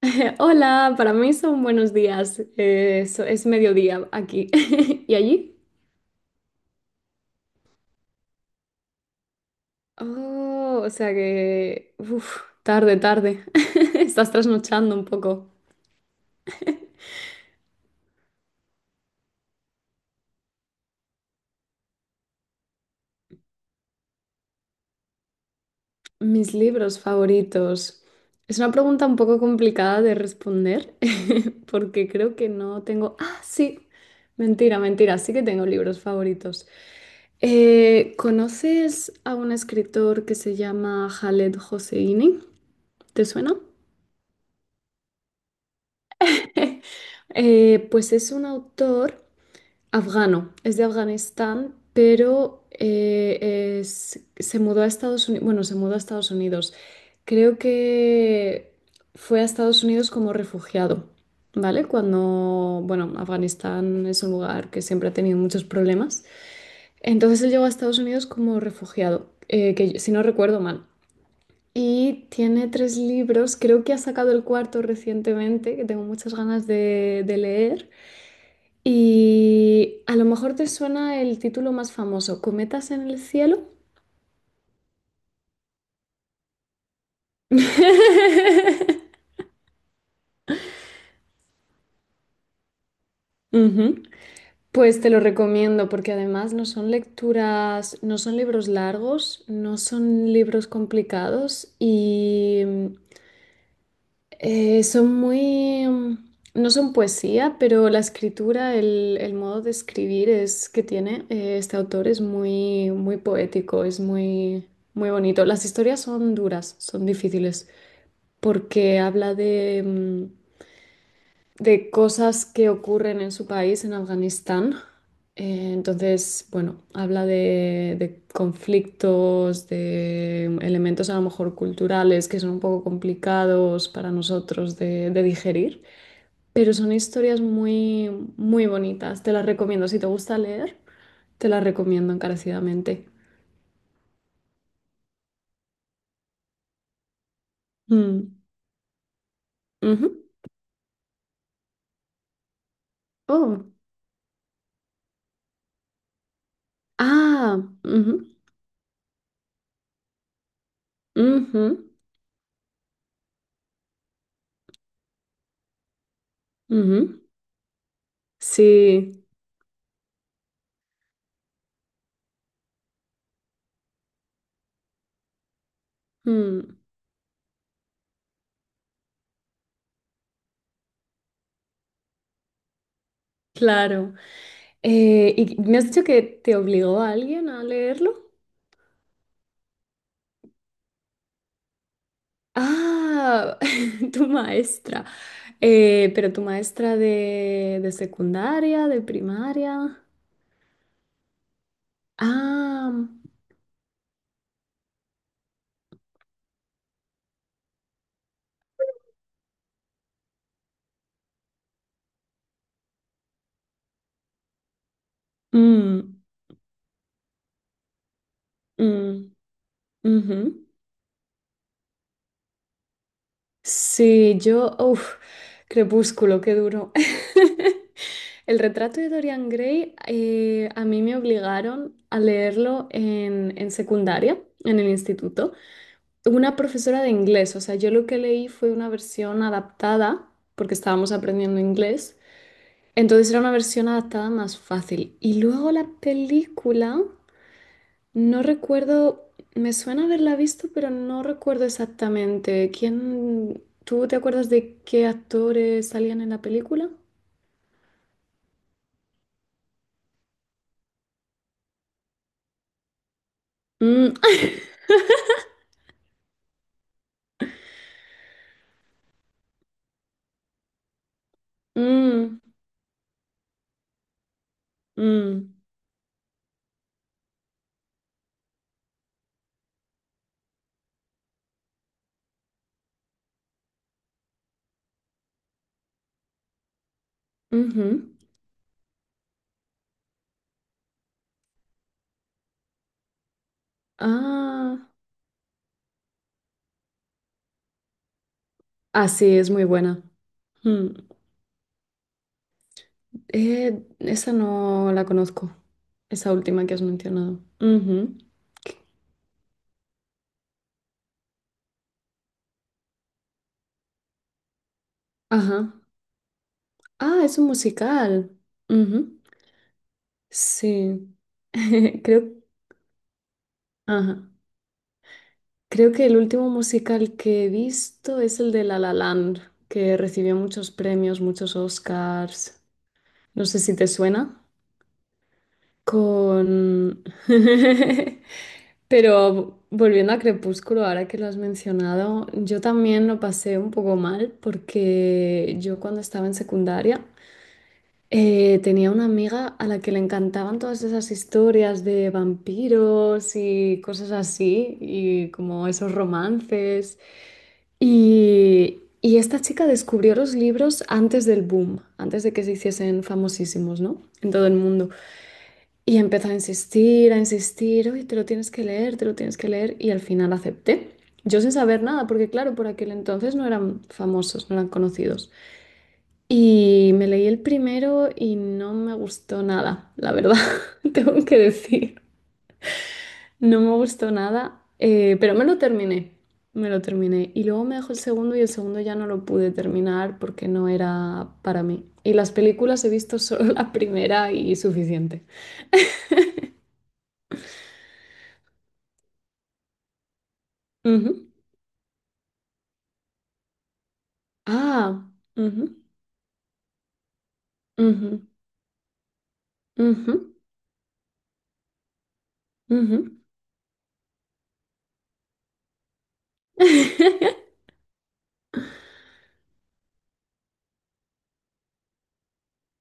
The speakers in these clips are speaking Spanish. Hola, para mí son buenos días. Es mediodía aquí. ¿Y allí? Oh, o sea que, uf, tarde, tarde. Estás trasnochando un poco. Mis libros favoritos. Es una pregunta un poco complicada de responder porque creo que no tengo. Ah, sí. Mentira, mentira. Sí que tengo libros favoritos. ¿Conoces a un escritor que se llama Khaled Hosseini? ¿Te suena? Pues es un autor afgano, es de Afganistán, pero se mudó a Estados Unidos, bueno, se mudó a Estados Unidos. Creo que fue a Estados Unidos como refugiado, ¿vale? Cuando, bueno, Afganistán es un lugar que siempre ha tenido muchos problemas. Entonces él llegó a Estados Unidos como refugiado, si no recuerdo mal. Y tiene tres libros, creo que ha sacado el cuarto recientemente, que tengo muchas ganas de leer. Y a lo mejor te suena el título más famoso, ¿Cometas en el cielo? Ujú. Pues te lo recomiendo porque además no son lecturas, no son libros largos, no son libros complicados y Eh, son muy, mm, no son poesía, pero la escritura, el modo de escribir es que tiene este autor es muy, muy poético, es muy, muy bonito. Las historias son duras, son difíciles, porque habla mm, de cosas que ocurren en su país, en Afganistán. Entonces, bueno, habla de conflictos, de elementos a lo mejor culturales que son un poco complicados para nosotros de digerir, pero son historias muy, muy bonitas. Te las recomiendo. Si te gusta leer, te las recomiendo encarecidamente. Mm, ujú. Oh, ah, ujú, ujú, ujú. Sí. Mm. Claro. ¿Y me has dicho que te obligó a alguien a leerlo? Ah, tu maestra. Pero tu maestra de secundaria, de primaria. Ah, mm, mm, ujú. Sí, Crepúsculo, qué duro. El retrato de Dorian Gray, a mí me obligaron a leerlo en secundaria, en el instituto. Una profesora de inglés, o sea, yo lo que leí fue una versión adaptada, porque estábamos aprendiendo inglés, entonces era una versión adaptada más fácil. Y luego la película, no recuerdo, me suena haberla visto, pero no recuerdo exactamente. ¿Quién, tú te acuerdas de qué actores salían en la película? Mm, mm, mm, ujú. Ah, ah, sí, es muy buena. Mm. Esa no la conozco, esa última que has mencionado. Ujú. Ajá. Ah, es un musical. Ujú. Sí. Creo, ajá. Creo que el último musical que he visto es el de La La Land, que recibió muchos premios, muchos Oscars. No sé si te suena. Con... Pero volviendo a Crepúsculo, ahora que lo has mencionado, yo también lo pasé un poco mal porque yo cuando estaba en secundaria tenía una amiga a la que le encantaban todas esas historias de vampiros y cosas así, y como esos romances. Y esta chica descubrió los libros antes del boom, antes de que se hiciesen famosísimos, ¿no? En todo el mundo. Y empezó a insistir, oye, te lo tienes que leer, te lo tienes que leer, y al final acepté. Yo sin saber nada, porque claro, por aquel entonces no eran famosos, no eran conocidos. Y me leí el primero y no me gustó nada, la verdad, tengo que decir. No me gustó nada, pero me lo terminé, me lo terminé. Y luego me dejó el segundo y el segundo ya no lo pude terminar porque no era para mí. Y las películas he visto solo la primera y suficiente. Ujú. Ah, ujú. Ujú, ujú, ujú.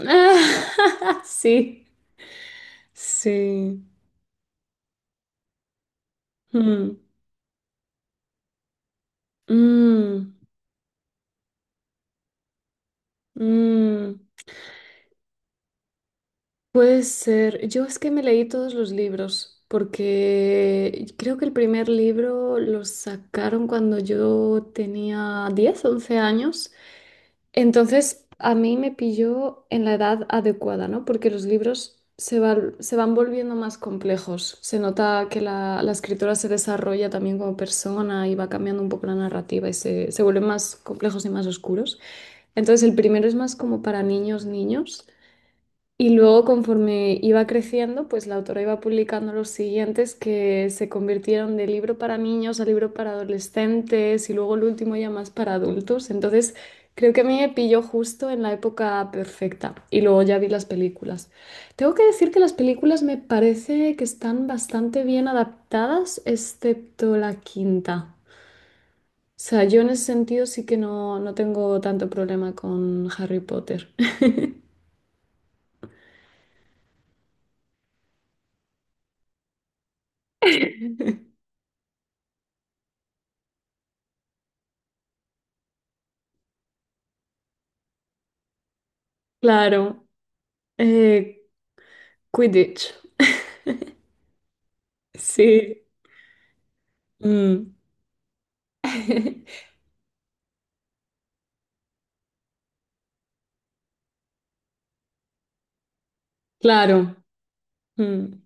Ah, sí, sí. Mm, mm, mm. Puede ser. Yo es que me leí todos los libros, porque creo que el primer libro lo sacaron cuando yo tenía 10 u 11 años. Entonces, a mí me pilló en la edad adecuada, ¿no? Porque los libros se van volviendo más complejos. Se nota que la escritora se desarrolla también como persona y va cambiando un poco la narrativa y se vuelven más complejos y más oscuros. Entonces, el primero es más como para niños, niños. Y luego, conforme iba creciendo, pues la autora iba publicando los siguientes que se convirtieron de libro para niños a libro para adolescentes y luego el último ya más para adultos. Entonces, creo que a mí me pilló justo en la época perfecta y luego ya vi las películas. Tengo que decir que las películas me parece que están bastante bien adaptadas, excepto la quinta. O sea, yo en ese sentido sí que no tengo tanto problema con Harry Potter. Claro, eh, Quidditch. Sí. Mm. Claro. Mm.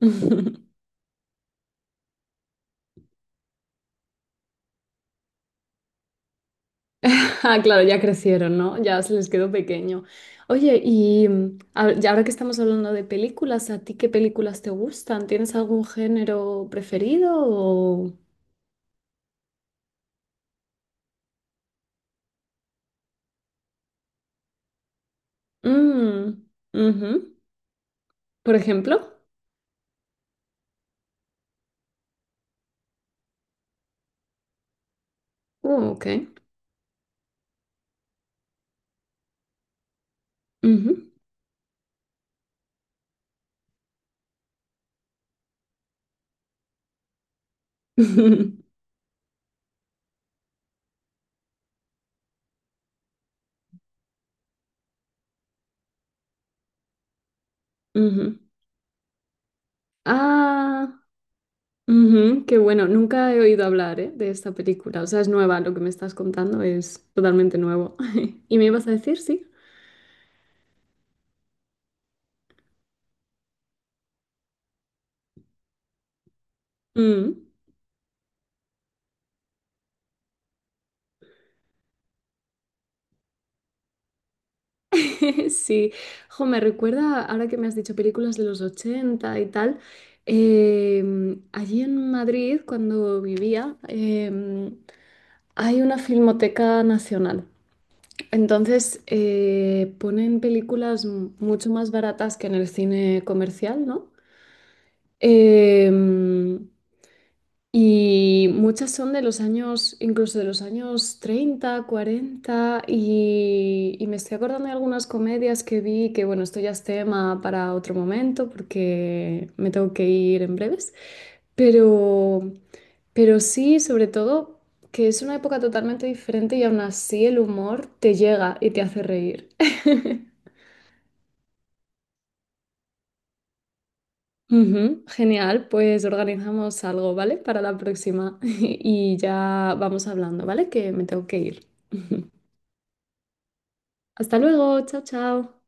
Ah, claro, ya crecieron, ¿no? Ya se les quedó pequeño. Oye, y ahora que estamos hablando de películas, ¿a ti qué películas te gustan? ¿Tienes algún género preferido o... Mm, ujú. ¿Por ejemplo? Ok. Ujú. Ujú. Ah, ujú, qué bueno, nunca he oído hablar, ¿eh? De esta película, o sea, es nueva, lo que me estás contando es totalmente nuevo. ¿Y me ibas a decir, sí? Mm. Sí, jo, me recuerda, ahora que me has dicho películas de los 80 y tal, allí en Madrid, cuando vivía, hay una filmoteca nacional. Entonces, ponen películas mucho más baratas que en el cine comercial, ¿no? Em, Y muchas son de los años, incluso de los años 30, 40, y me estoy acordando de algunas comedias que vi, que bueno, esto ya es tema para otro momento porque me tengo que ir en breves, pero, pero, sí, sobre todo, que es una época totalmente diferente y aún así el humor te llega y te hace reír. Ujú, genial, pues organizamos algo, ¿vale? Para la próxima y ya vamos hablando, ¿vale? Que me tengo que ir. Hasta luego, chao, chao.